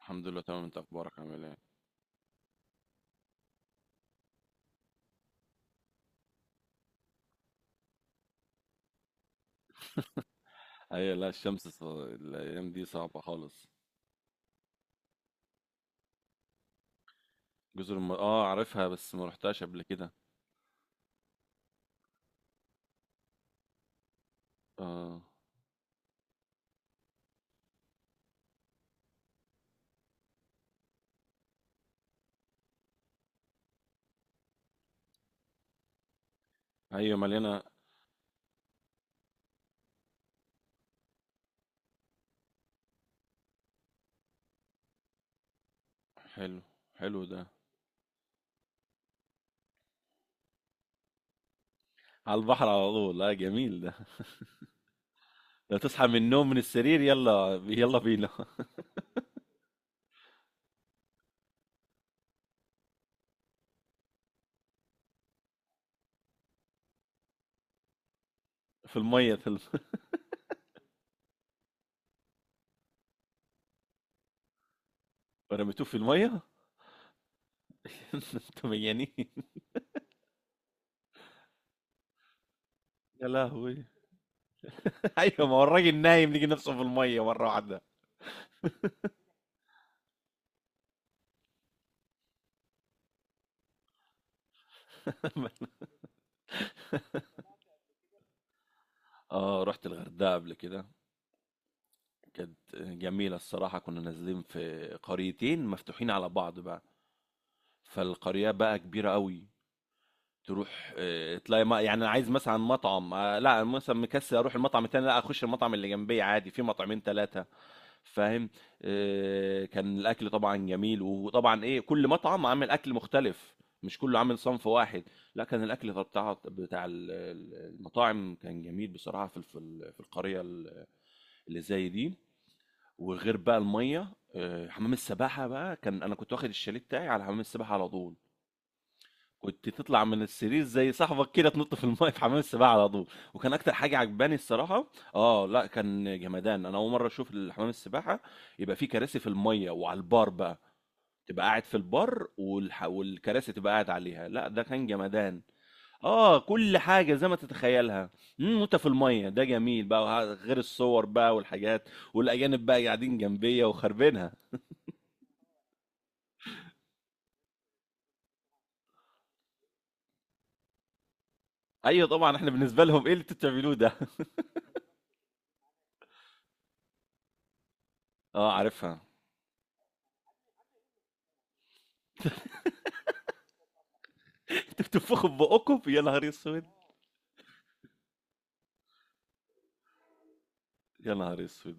الحمد لله تمام، انت اخبارك عامل ايه؟ اي، لا الشمس الايام دي صعبة خالص. اه عارفها، بس ما رحتهاش قبل كده. اه. ايوه مليانة. حلو. حلو ده. على البحر على طول، لا جميل ده. لا تصحى من النوم من السرير، يلا يلا بينا. في المية. رميتوه في المية. انتوا مجانين. يا لهوي. ايوه، ما هو الراجل نايم لقي نفسه في المية مرة واحدة. اه، رحت الغردقة قبل كده. كانت جميلة الصراحة، كنا نازلين في قريتين مفتوحين على بعض بقى. فالقرية بقى كبيرة قوي. تروح تلاقي ما يعني أنا عايز مثلا مطعم، لا مثلا مكسل اروح المطعم التاني، لا اخش المطعم اللي جنبي عادي، في مطعمين 3. فاهم. كان الاكل طبعا جميل، وطبعا ايه، كل مطعم عامل اكل مختلف. مش كله عامل صنف واحد. لا كان الاكل بتاع المطاعم كان جميل بصراحة، في في القرية اللي زي دي. وغير بقى الميه، حمام السباحه بقى، كان انا كنت واخد الشاليه بتاعي على حمام السباحه على طول. كنت تطلع من السرير زي صاحبك كده، تنط في الميه في حمام السباحه على طول. وكان اكتر حاجه عجباني الصراحه. اه لا كان جمدان، انا اول مره اشوف الحمام السباحه يبقى فيه كراسي في الميه، وعلى البار بقى، تبقى قاعد في البار والكراسي تبقى قاعد عليها، لا ده كان جمدان. اه كل حاجه زي ما تتخيلها. امم، وانت في الميه، ده جميل بقى، غير الصور بقى والحاجات، والاجانب بقى قاعدين جنبيه وخربينها. أيوه طبعًا، إحنا بالنسبة لهم إيه اللي أنتم بتعملوه ده؟ آه عارفها. أنتم بتنفخوا في بُقُّكم؟ يا نهار أسود! يا نهار أسود!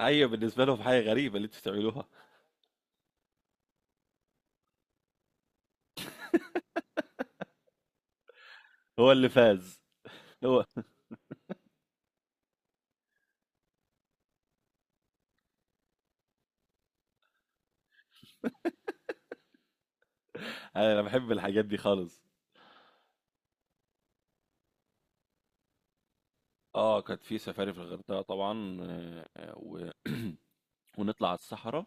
أيوه، بالنسبة لهم حاجة غريبة اللي أنتم بتعملوها. هو اللي فاز. هو. أنا باحب الحاجات دي خالص. آه، كانت في سفاري في الغردقة طبعًا. و ونطلع على الصحرا.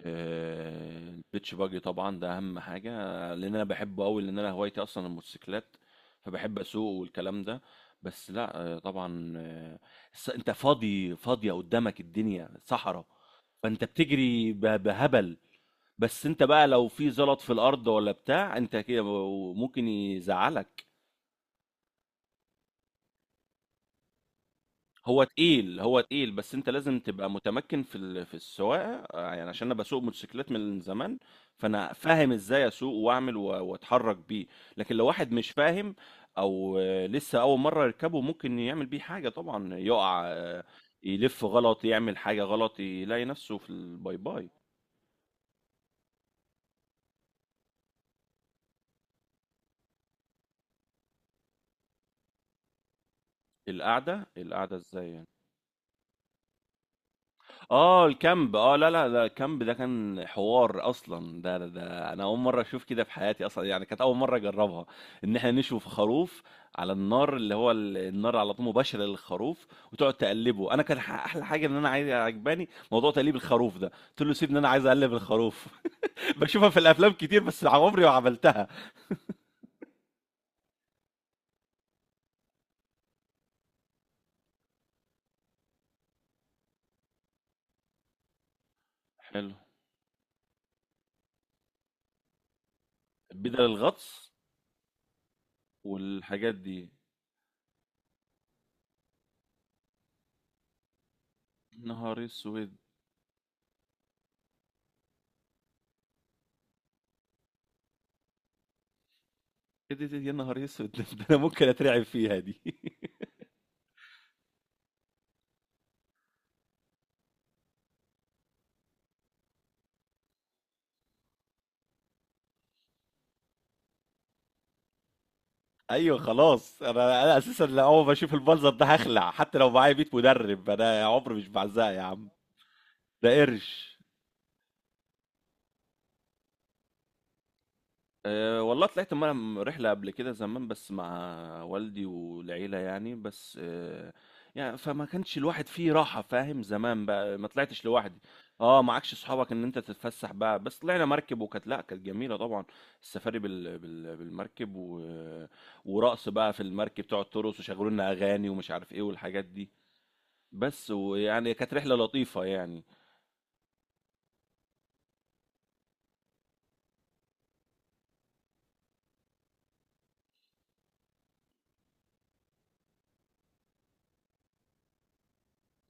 آه، البيتش باجي طبعا ده اهم حاجه، لان انا بحبه قوي، لان انا هوايتي اصلا الموتوسيكلات. فبحب اسوق والكلام ده. بس لا انت فاضي، فاضيه قدامك الدنيا صحراء. فانت بتجري بهبل. بس انت بقى لو في زلط في الارض ولا بتاع انت كده، ممكن يزعلك. هو تقيل، هو تقيل، بس انت لازم تبقى متمكن في في السواقه، يعني عشان انا بسوق موتوسيكلات من زمان. فانا فاهم ازاي اسوق واعمل واتحرك بيه. لكن لو واحد مش فاهم، او لسه اول مره يركبه، ممكن يعمل بيه حاجه طبعا، يقع، يلف غلط، يعمل حاجه غلط، يلاقي نفسه في الباي باي. القعده ازاي يعني؟ اه الكامب، اه لا لا، ده الكامب ده كان حوار اصلا، ده انا اول مره اشوف كده في حياتي اصلا، يعني كانت اول مره اجربها. ان احنا نشوي خروف على النار، اللي هو النار على طول مباشره للخروف، وتقعد تقلبه. انا كان احلى حاجه ان انا عايز، عجباني موضوع تقليب الخروف ده، قلت له سيبني انا عايز اقلب الخروف. بشوفها في الافلام كتير بس عمري ما عملتها. حلو. بدل الغطس. والحاجات دي. نهار اسود. ايه ده يا نهار اسود، ده انا ممكن اترعب فيها دي. ايوه خلاص، انا اساسا لا، اول ما اشوف المنظر ده هخلع، حتى لو معايا 100 مدرب، انا عمري مش بعزقها يا عم. ده قرش. أه والله طلعت مرة رحلة قبل كده زمان، بس مع والدي والعيلة يعني، بس أه يعني فما كانش الواحد فيه راحة، فاهم، زمان بقى ما طلعتش لوحدي. اه معكش صحابك ان انت تتفسح بقى. بس طلعنا مركب وكانت، لا كانت جميلة طبعا، السفاري بالمركب، ورقص بقى في المركب، تقعد ترقص وشغلوا لنا اغاني ومش عارف ايه والحاجات دي. بس ويعني كانت رحلة لطيفة يعني.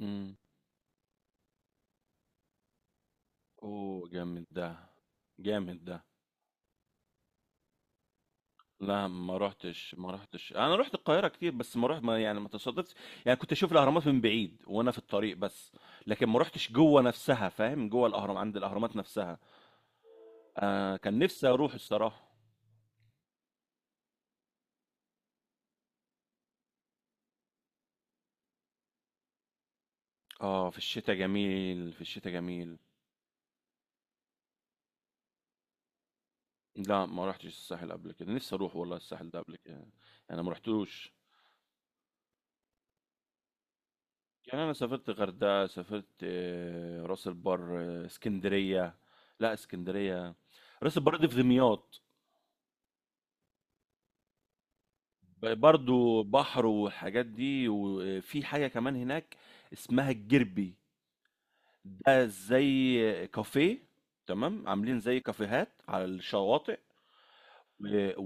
امم. اوه جامد ده. جامد ده. لا، ما رحتش، انا رحت القاهرة كتير بس ما تصادفتش يعني، كنت اشوف الاهرامات من بعيد وانا في الطريق بس. لكن ما رحتش جوه نفسها، فاهم، جوه الاهرام عند الاهرامات نفسها. آه كان نفسي اروح الصراحة. اه في الشتاء جميل، في الشتاء جميل. لا ما رحتش الساحل قبل كده، نفسي اروح والله الساحل ده قبل كده. انا ما رحتوش. يعني انا سافرت غردقه، سافرت آه، راس البر، آه، اسكندريه. لا اسكندريه. راس البر دي في دمياط. برضو بحر والحاجات دي، وفي حاجه كمان هناك اسمها الجربي. ده زي كافيه، تمام، عاملين زي كافيهات على الشواطئ. و-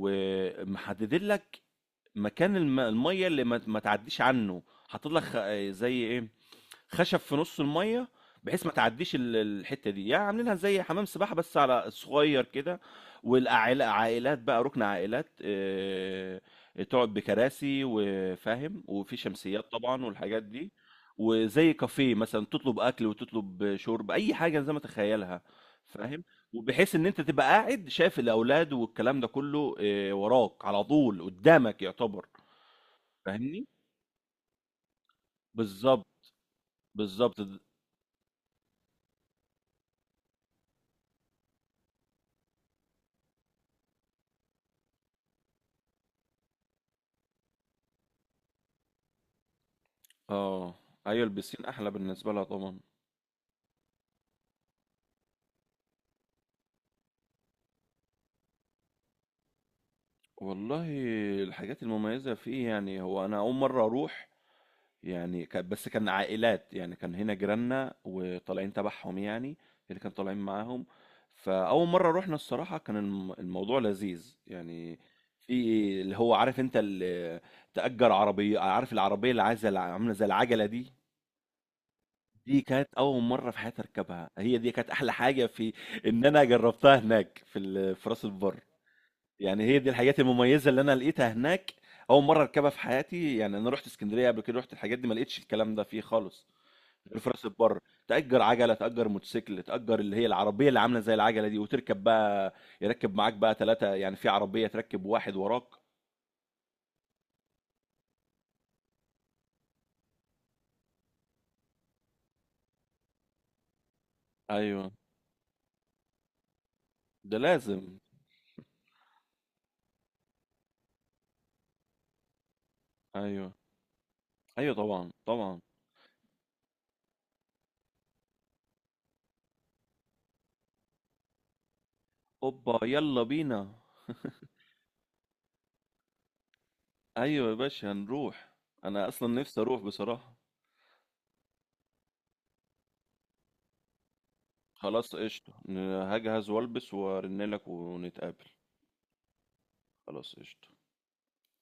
ومحددين لك مكان الميه اللي ما تعديش عنه. حاطط لك زي ايه، خشب في نص الميه، بحيث ما تعديش الحته دي، يعني عاملينها زي حمام سباحه بس على صغير كده. والعائلات، عائلات بقى، ركن عائلات، آه، تقعد بكراسي وفاهم، وفي شمسيات طبعا والحاجات دي. وزي كافيه مثلا، تطلب اكل وتطلب شرب، اي حاجه زي ما تخيلها. فاهم. وبحيث ان انت تبقى قاعد شايف الاولاد والكلام ده كله، آه، وراك على طول قدامك يعتبر. فاهمني. بالظبط، بالظبط. اه. ايوه البسين احلى بالنسبه لها طبعا. والله الحاجات المميزه فيه، يعني هو انا اول مره اروح، يعني بس كان عائلات يعني، كان هنا جيراننا وطالعين تبعهم يعني، اللي كانوا طالعين معاهم. فاول مره رحنا الصراحه كان الموضوع لذيذ يعني. في اللي هو عارف، انت اللي تأجر عربيه، عارف العربيه اللي عايزه عامله زي العجله دي، دي كانت اول مره في حياتي اركبها، هي دي كانت احلى حاجه، في ان انا جربتها هناك في في راس البر. يعني هي دي الحاجات المميزة اللي أنا لقيتها هناك. أول مرة أركبها في حياتي. يعني أنا رحت اسكندرية قبل كده، رحت الحاجات دي ما لقيتش الكلام ده فيه خالص، غير في راس البر. تأجر عجلة، تأجر موتوسيكل، تأجر اللي هي العربية اللي عاملة زي العجلة دي وتركب بقى. يركب معاك بقى 3، يعني في عربية تركب واحد وراك. أيوه. ده لازم. أيوه، أيوه طبعا طبعا. أوبا يلا بينا. أيوه يا باشا هنروح. أنا أصلا نفسي أروح بصراحة. خلاص قشطة، هجهز وألبس وأرنلك ونتقابل. خلاص قشطة.